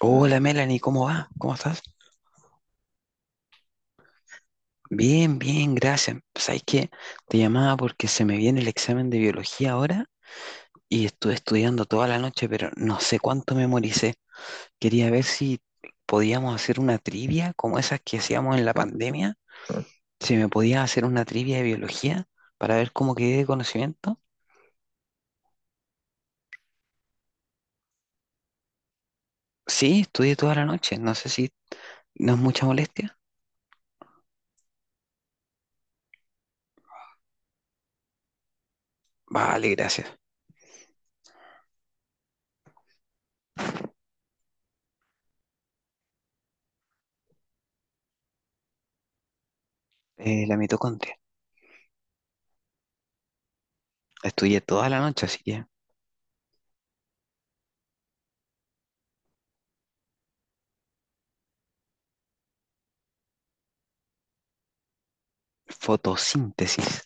Hola Melanie, ¿cómo va? ¿Cómo estás? Bien, bien, gracias. ¿Sabes qué? Te llamaba porque se me viene el examen de biología ahora y estuve estudiando toda la noche, pero no sé cuánto memoricé. Quería ver si podíamos hacer una trivia como esas que hacíamos en la pandemia. Si me podías hacer una trivia de biología para ver cómo quedé de conocimiento. Sí, estudié toda la noche. No sé si no es mucha molestia. Vale, gracias. La mitocondria. Estudié toda la noche, así que fotosíntesis.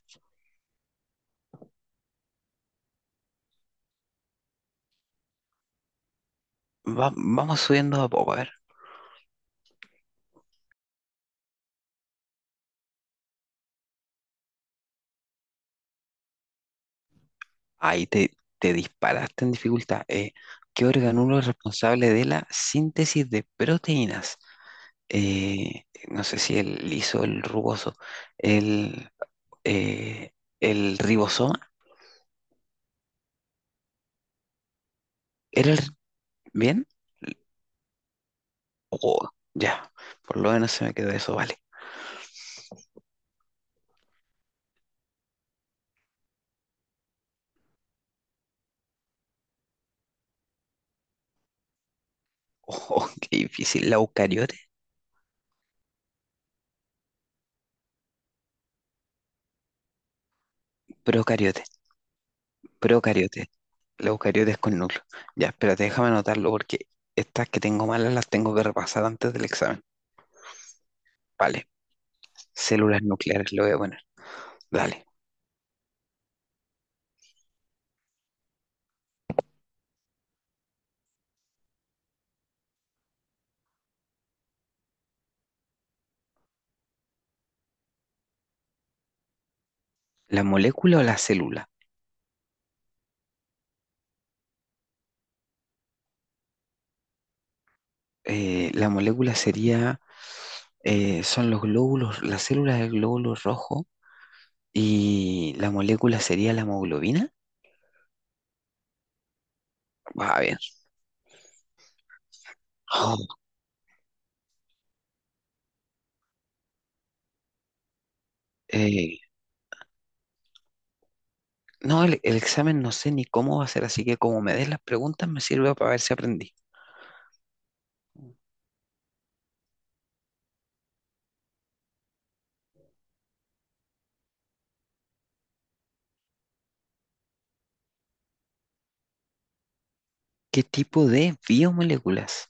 Vamos subiendo de a poco, a ver. Ahí te, Te disparaste en dificultad. ¿Qué organulo es responsable de la síntesis de proteínas? No sé si el liso, el rugoso, el, eh, el ribosoma. ¿Era el... bien? Oh, ya, por lo menos se me quedó eso, vale. Oh, qué difícil. ¿La eucariote? ¿Procariote? Procariotes. Los eucariotes con núcleo. Ya, espérate, déjame anotarlo porque estas que tengo malas las tengo que repasar antes del examen. Vale. Células nucleares lo voy a poner. Dale. ¿La molécula o la célula? Eh, la molécula sería, Son los glóbulos, la célula es el glóbulo rojo y la molécula sería la hemoglobina. Va bien. Oh, eh, no, el examen no sé ni cómo va a ser, así que como me des las preguntas me sirve para ver si aprendí. ¿Qué tipo de biomoléculas?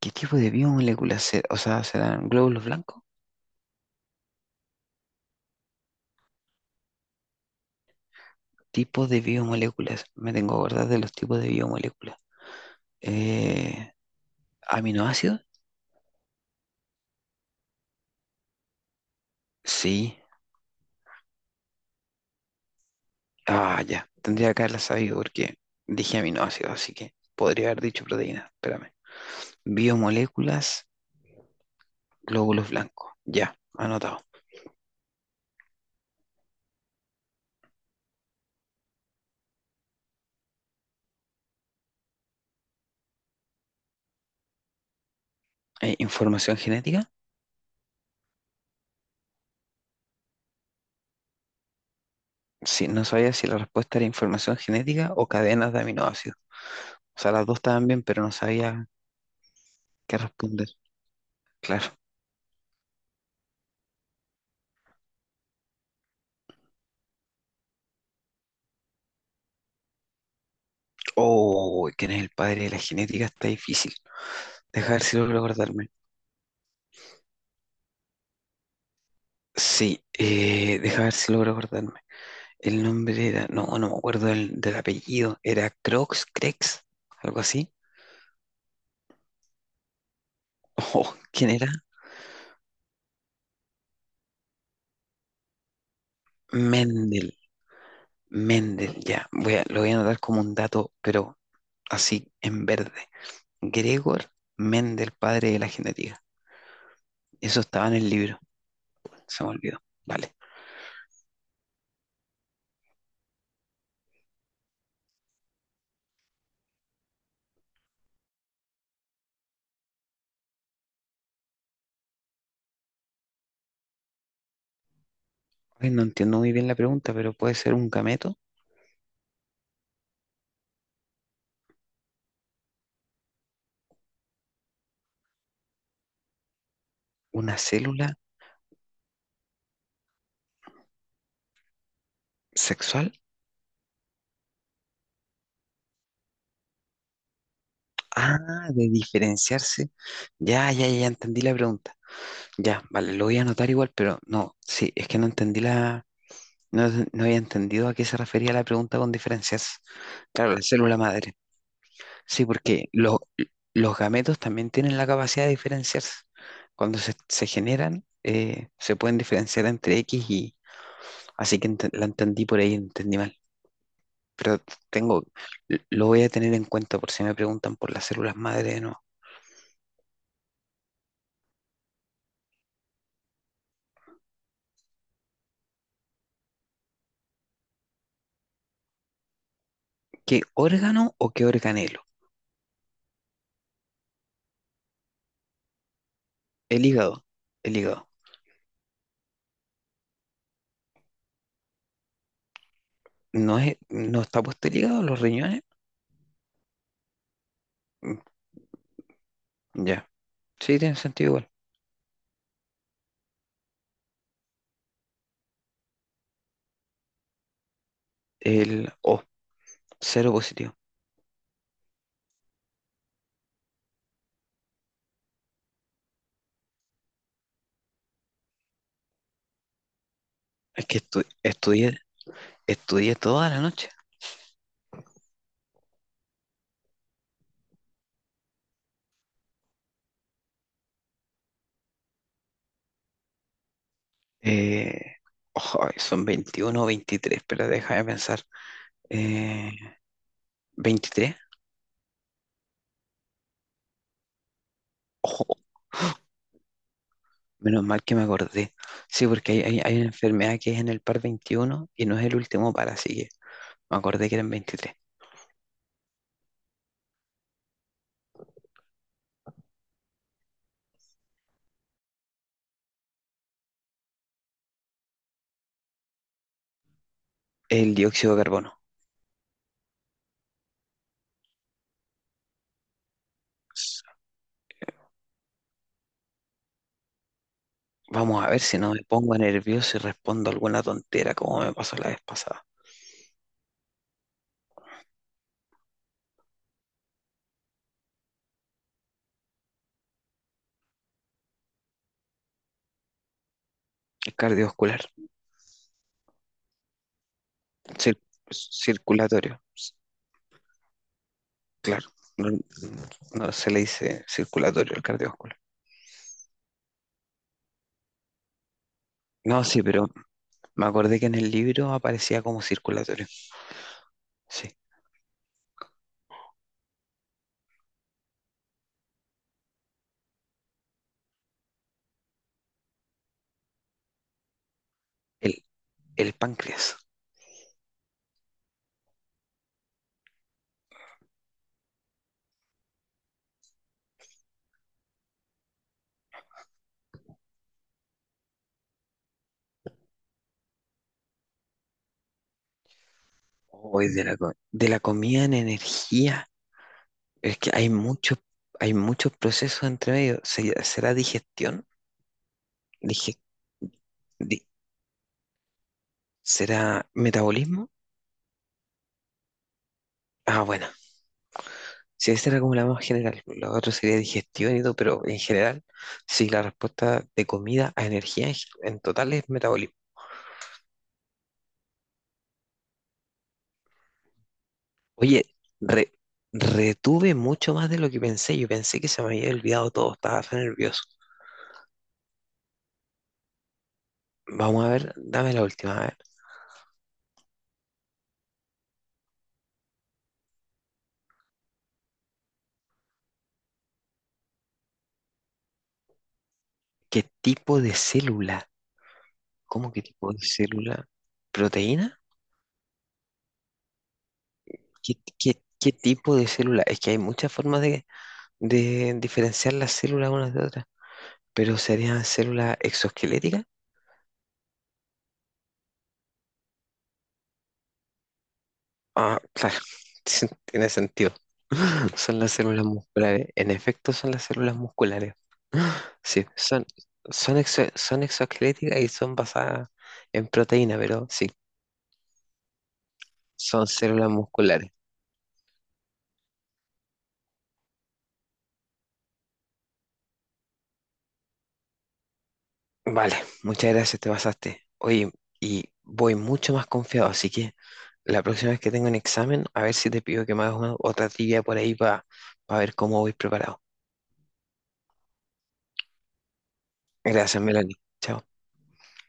¿Qué tipo de biomoléculas? O sea, ¿serán glóbulos blancos? Tipos de biomoléculas. Me tengo que acordar de los tipos de biomoléculas. Eh, ¿Aminoácidos? Sí. Ah, ya. Tendría que haberla sabido porque dije aminoácidos, así que podría haber dicho proteínas. Espérame. Biomoléculas, glóbulos blancos. Ya, anotado. ¿Información genética? Sí, no sabía si la respuesta era información genética o cadenas de aminoácidos. O sea, las dos estaban bien, pero no sabía qué responder. Claro. Oh, ¿quién es el padre de la genética? Está difícil. Deja ver si logro acordarme. Sí, deja ver si logro acordarme. El nombre era, no, no me acuerdo del apellido. Era Crox, Crex, algo así. Oh, ¿quién era? Mendel. Mendel, ya. Lo voy a anotar como un dato, pero así en verde. Gregor Mendel, padre de la genética. Eso estaba en el libro. Se me olvidó. Vale. Ay, no entiendo muy bien la pregunta, pero puede ser un gameto, una célula sexual. Ah, de diferenciarse. Ya, ya, ya entendí la pregunta. Ya, vale, lo voy a anotar igual, pero no, sí, es que no entendí no, no había entendido a qué se refería la pregunta con diferenciarse. Claro, la célula madre. Sí, porque los gametos también tienen la capacidad de diferenciarse. Cuando se generan, se pueden diferenciar entre X y... Así que la entendí por ahí, entendí mal. Pero tengo, lo voy a tener en cuenta por si me preguntan por las células madre, ¿no? ¿Qué órgano o qué organelo? El hígado. El hígado. ¿No es, no está puesto el hígado, los riñones? Mm, Ya. Sí, tiene sentido igual. El O, cero positivo. Es que estudié, estudié toda la noche. Eh, Ojo, son 21, o 23, pero deja de pensar. Eh, ¿23? Ojo, menos mal que me acordé. Sí, porque hay una enfermedad que es en el par 21 y no es el último par, así que me acordé que eran 23. El dióxido de carbono. Vamos a ver si no me pongo nervioso y respondo alguna tontera como me pasó la vez pasada. Es cardiovascular, cir- circulatorio, claro. No, no se le dice circulatorio al cardiovascular. No, sí, pero me acordé que en el libro aparecía como circulatorio. Sí, el, el páncreas. Hoy de de la comida en energía. Es que hay muchos procesos entre medio. ¿Será digestión? Dije, di- ¿Será metabolismo? Ah, bueno, si esa era como la más general, la otra sería digestión y todo, pero en general, sí, la respuesta de comida a energía en total es metabolismo. Oye, re- retuve mucho más de lo que pensé. Yo pensé que se me había olvidado todo, estaba tan nervioso. Vamos a ver, dame la última. A ver, ¿qué tipo de célula? ¿Cómo qué tipo de célula? ¿Proteína? ¿Qué tipo de célula? Es que hay muchas formas de diferenciar las células unas de otras, pero serían células exoesqueléticas. Ah, claro, tiene sentido. Son las células musculares. En efecto, son las células musculares. Sí, son exoesqueléticas y son basadas en proteína, pero sí, son células musculares. Vale, muchas gracias, te pasaste. Oye, y voy mucho más confiado, así que la próxima vez que tenga un examen, a ver si te pido que me hagas otra trivia por ahí para ver cómo voy preparado. Gracias, Melanie. Chao.